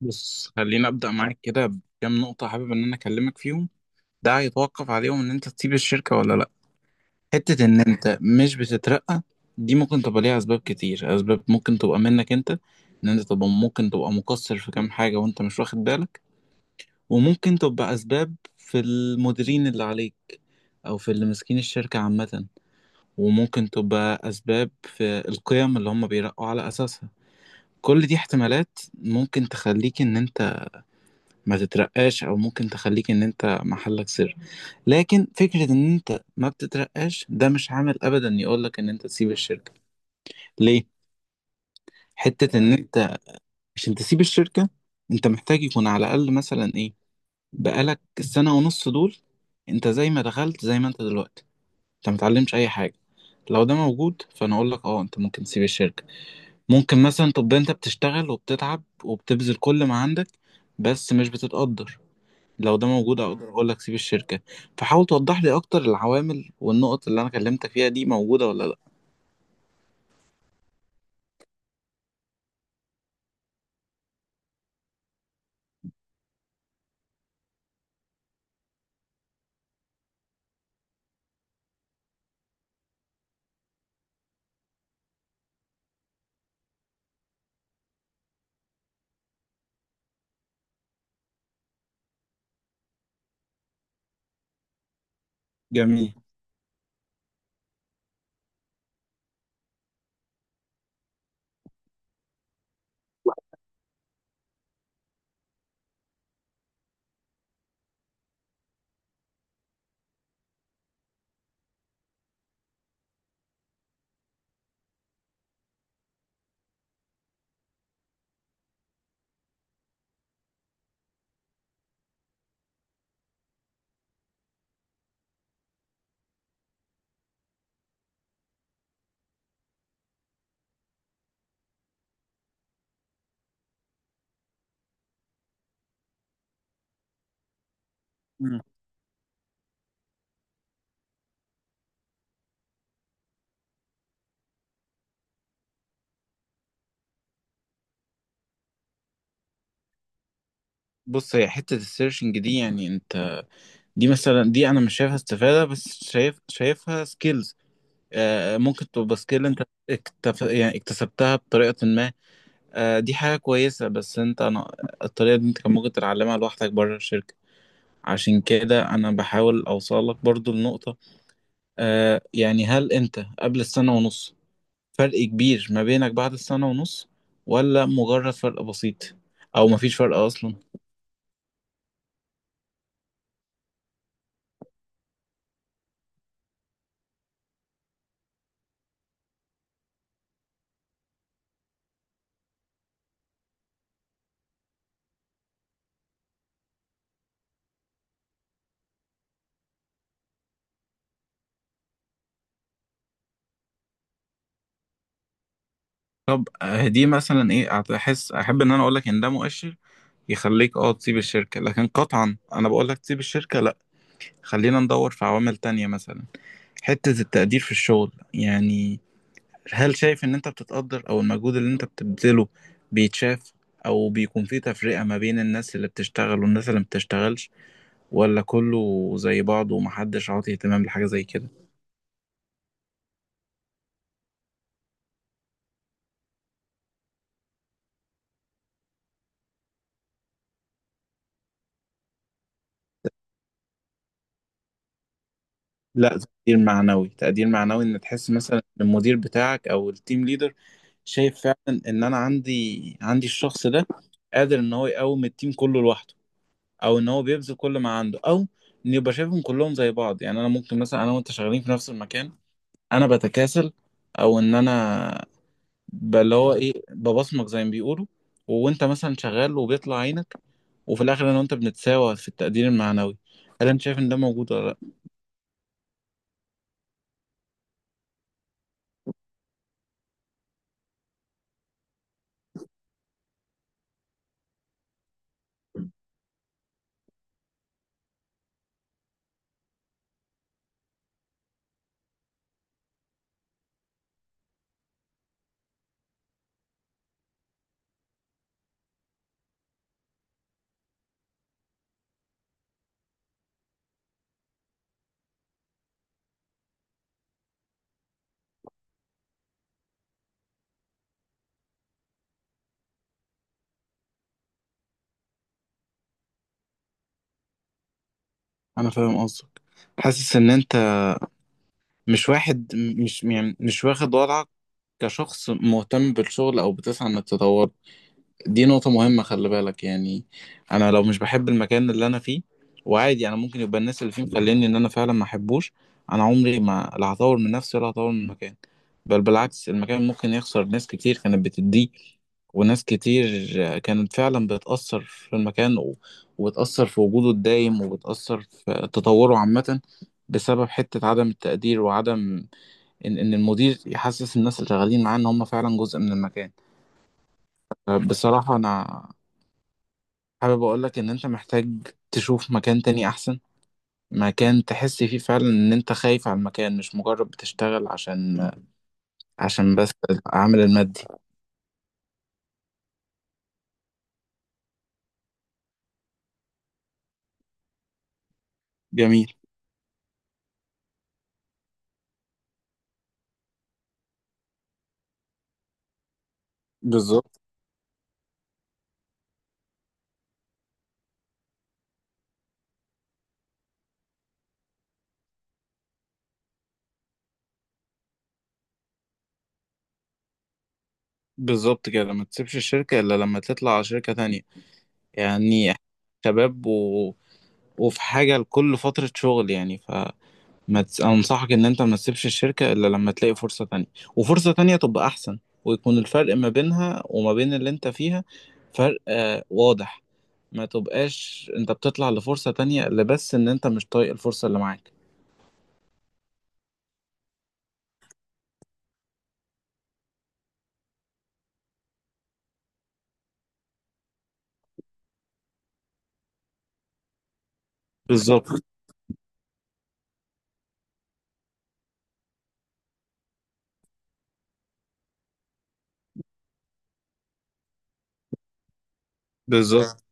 بص، خليني ابدا معاك كده بكام نقطه حابب ان انا اكلمك فيهم. ده هيتوقف عليهم ان انت تسيب الشركه ولا لا. حته ان انت مش بتترقى، دي ممكن تبقى ليها اسباب كتير. اسباب ممكن تبقى منك انت، ان انت تبقى ممكن تبقى مقصر في كام حاجه وانت مش واخد بالك. وممكن تبقى اسباب في المديرين اللي عليك او في اللي ماسكين الشركه عامه. وممكن تبقى اسباب في القيم اللي هم بيرقوا على اساسها. كل دي احتمالات ممكن تخليك ان انت ما تترقاش، او ممكن تخليك ان انت محلك سر. لكن فكرة ان انت ما بتترقاش ده مش عامل ابدا يقولك ان انت تسيب الشركة. ليه؟ حتة ان انت عشان تسيب الشركة، انت محتاج يكون على الاقل مثلا ايه؟ بقالك السنة ونص دول انت زي ما دخلت زي ما انت دلوقتي، انت متعلمش اي حاجة. لو ده موجود فانا اقول لك انت ممكن تسيب الشركة. ممكن مثلا تبقى انت بتشتغل وبتتعب وبتبذل كل ما عندك بس مش بتتقدر. لو ده موجود اقدر اقول لك سيب الشركة. فحاول توضح لي اكتر العوامل والنقط اللي انا كلمتك فيها دي موجودة ولا لا. جميل. مم. بص، هي حتة السيرشنج دي يعني انت، دي مثلا دي انا مش شايفها استفادة بس شايفها سكيلز. آه، ممكن تبقى سكيل انت يعني اكتسبتها بطريقة ما. آه، دي حاجة كويسة بس انت انا الطريقة دي انت كان ممكن تتعلمها لوحدك بره الشركة. عشان كده انا بحاول اوصلك برضو لنقطة، آه يعني هل انت قبل السنة ونص فرق كبير ما بينك بعد السنة ونص، ولا مجرد فرق بسيط، او مفيش فرق اصلا؟ طب دي مثلا ايه؟ احس احب ان انا اقول لك ان ده مؤشر يخليك تسيب الشركة، لكن قطعا انا بقول لك تسيب الشركة لا. خلينا ندور في عوامل تانية مثلا، حتة التقدير في الشغل يعني، هل شايف ان انت بتتقدر؟ او المجهود اللي انت بتبذله بيتشاف؟ او بيكون في تفرقة ما بين الناس اللي بتشتغل والناس اللي ما بتشتغلش، ولا كله زي بعضه ومحدش عاطي اهتمام لحاجة زي كده؟ لا، تقدير معنوي. تقدير معنوي ان تحس مثلا إن المدير بتاعك او التيم ليدر شايف فعلا ان انا عندي الشخص ده قادر ان هو يقوم التيم كله لوحده، او ان هو بيبذل كل ما عنده، او ان يبقى شايفهم كلهم زي بعض. يعني انا ممكن مثلا انا وانت شغالين في نفس المكان، انا بتكاسل او ان انا اللي هو ايه ببصمك زي ما بيقولوا، وانت مثلا شغال وبيطلع عينك، وفي الاخر انا وانت بنتساوى في التقدير المعنوي. هل انت شايف ان ده موجود ولا لا؟ انا فاهم قصدك. حاسس ان انت مش واحد مش يعني مش واخد وضعك كشخص مهتم بالشغل او بتسعى انك تطور. دي نقطة مهمة خلي بالك يعني. انا لو مش بحب المكان اللي انا فيه، وعادي انا ممكن يبقى الناس اللي فيه مخليني ان انا فعلا ما احبوش، انا عمري ما لا هطور من نفسي ولا هطور من المكان. بل بالعكس، المكان ممكن يخسر ناس كتير كانت بتديه وناس كتير كانت فعلا بتأثر في المكان وبتأثر في وجوده الدايم وبتأثر في تطوره عامة، بسبب حتة عدم التقدير وعدم ان المدير يحسس الناس اللي شغالين معاه ان هم فعلا جزء من المكان. بصراحة انا حابب اقول لك ان انت محتاج تشوف مكان تاني احسن، مكان تحس فيه فعلا ان انت خايف على المكان، مش مجرد بتشتغل عشان بس العامل المادي. جميل. بالظبط، بالظبط كده. ما تسيبش الشركة الا لما تطلع على شركة تانية يعني، شباب وفي حاجة لكل فترة شغل يعني. ما تس... انصحك ان انت ما تسيبش الشركة الا لما تلاقي فرصة تانية، وفرصة تانية تبقى احسن، ويكون الفرق ما بينها وما بين اللي انت فيها فرق واضح. ما تبقاش انت بتطلع لفرصة تانية الا بس ان انت مش طايق الفرصة اللي معاك. بالظبط، بالظبط.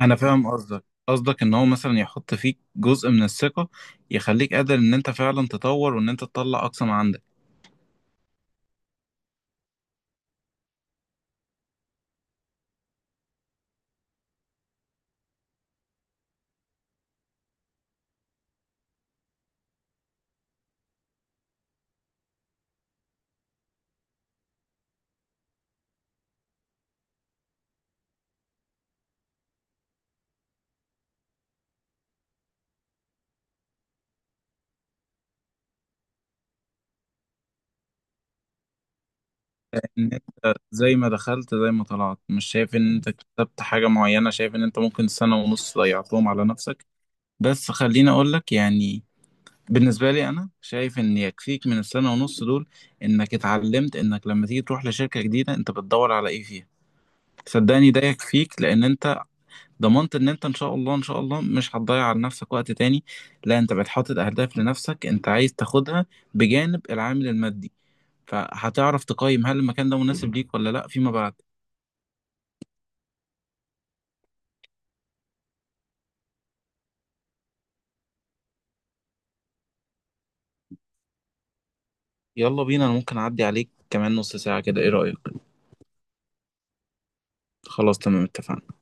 انا فاهم قصدك ان هو مثلا يحط فيك جزء من الثقة، يخليك قادر ان انت فعلا تطور وان انت تطلع اقصى ما عندك. ان انت زي ما دخلت زي ما طلعت، مش شايف ان انت كتبت حاجة معينة، شايف ان انت ممكن سنة ونص ضيعتهم على نفسك. بس خليني اقول لك يعني بالنسبة لي، انا شايف ان يكفيك من السنة ونص دول انك اتعلمت انك لما تيجي تروح لشركة جديدة انت بتدور على ايه فيها. صدقني ده يكفيك، لان انت ضمنت ان انت ان شاء الله ان شاء الله مش هتضيع على نفسك وقت تاني. لا، انت بقيت حاطط اهداف لنفسك انت عايز تاخدها بجانب العامل المادي، فهتعرف تقيم هل المكان ده مناسب ليك ولا لا فيما بعد. يلا بينا، انا ممكن اعدي عليك كمان نص ساعة كده، ايه رأيك؟ خلاص تمام، اتفقنا.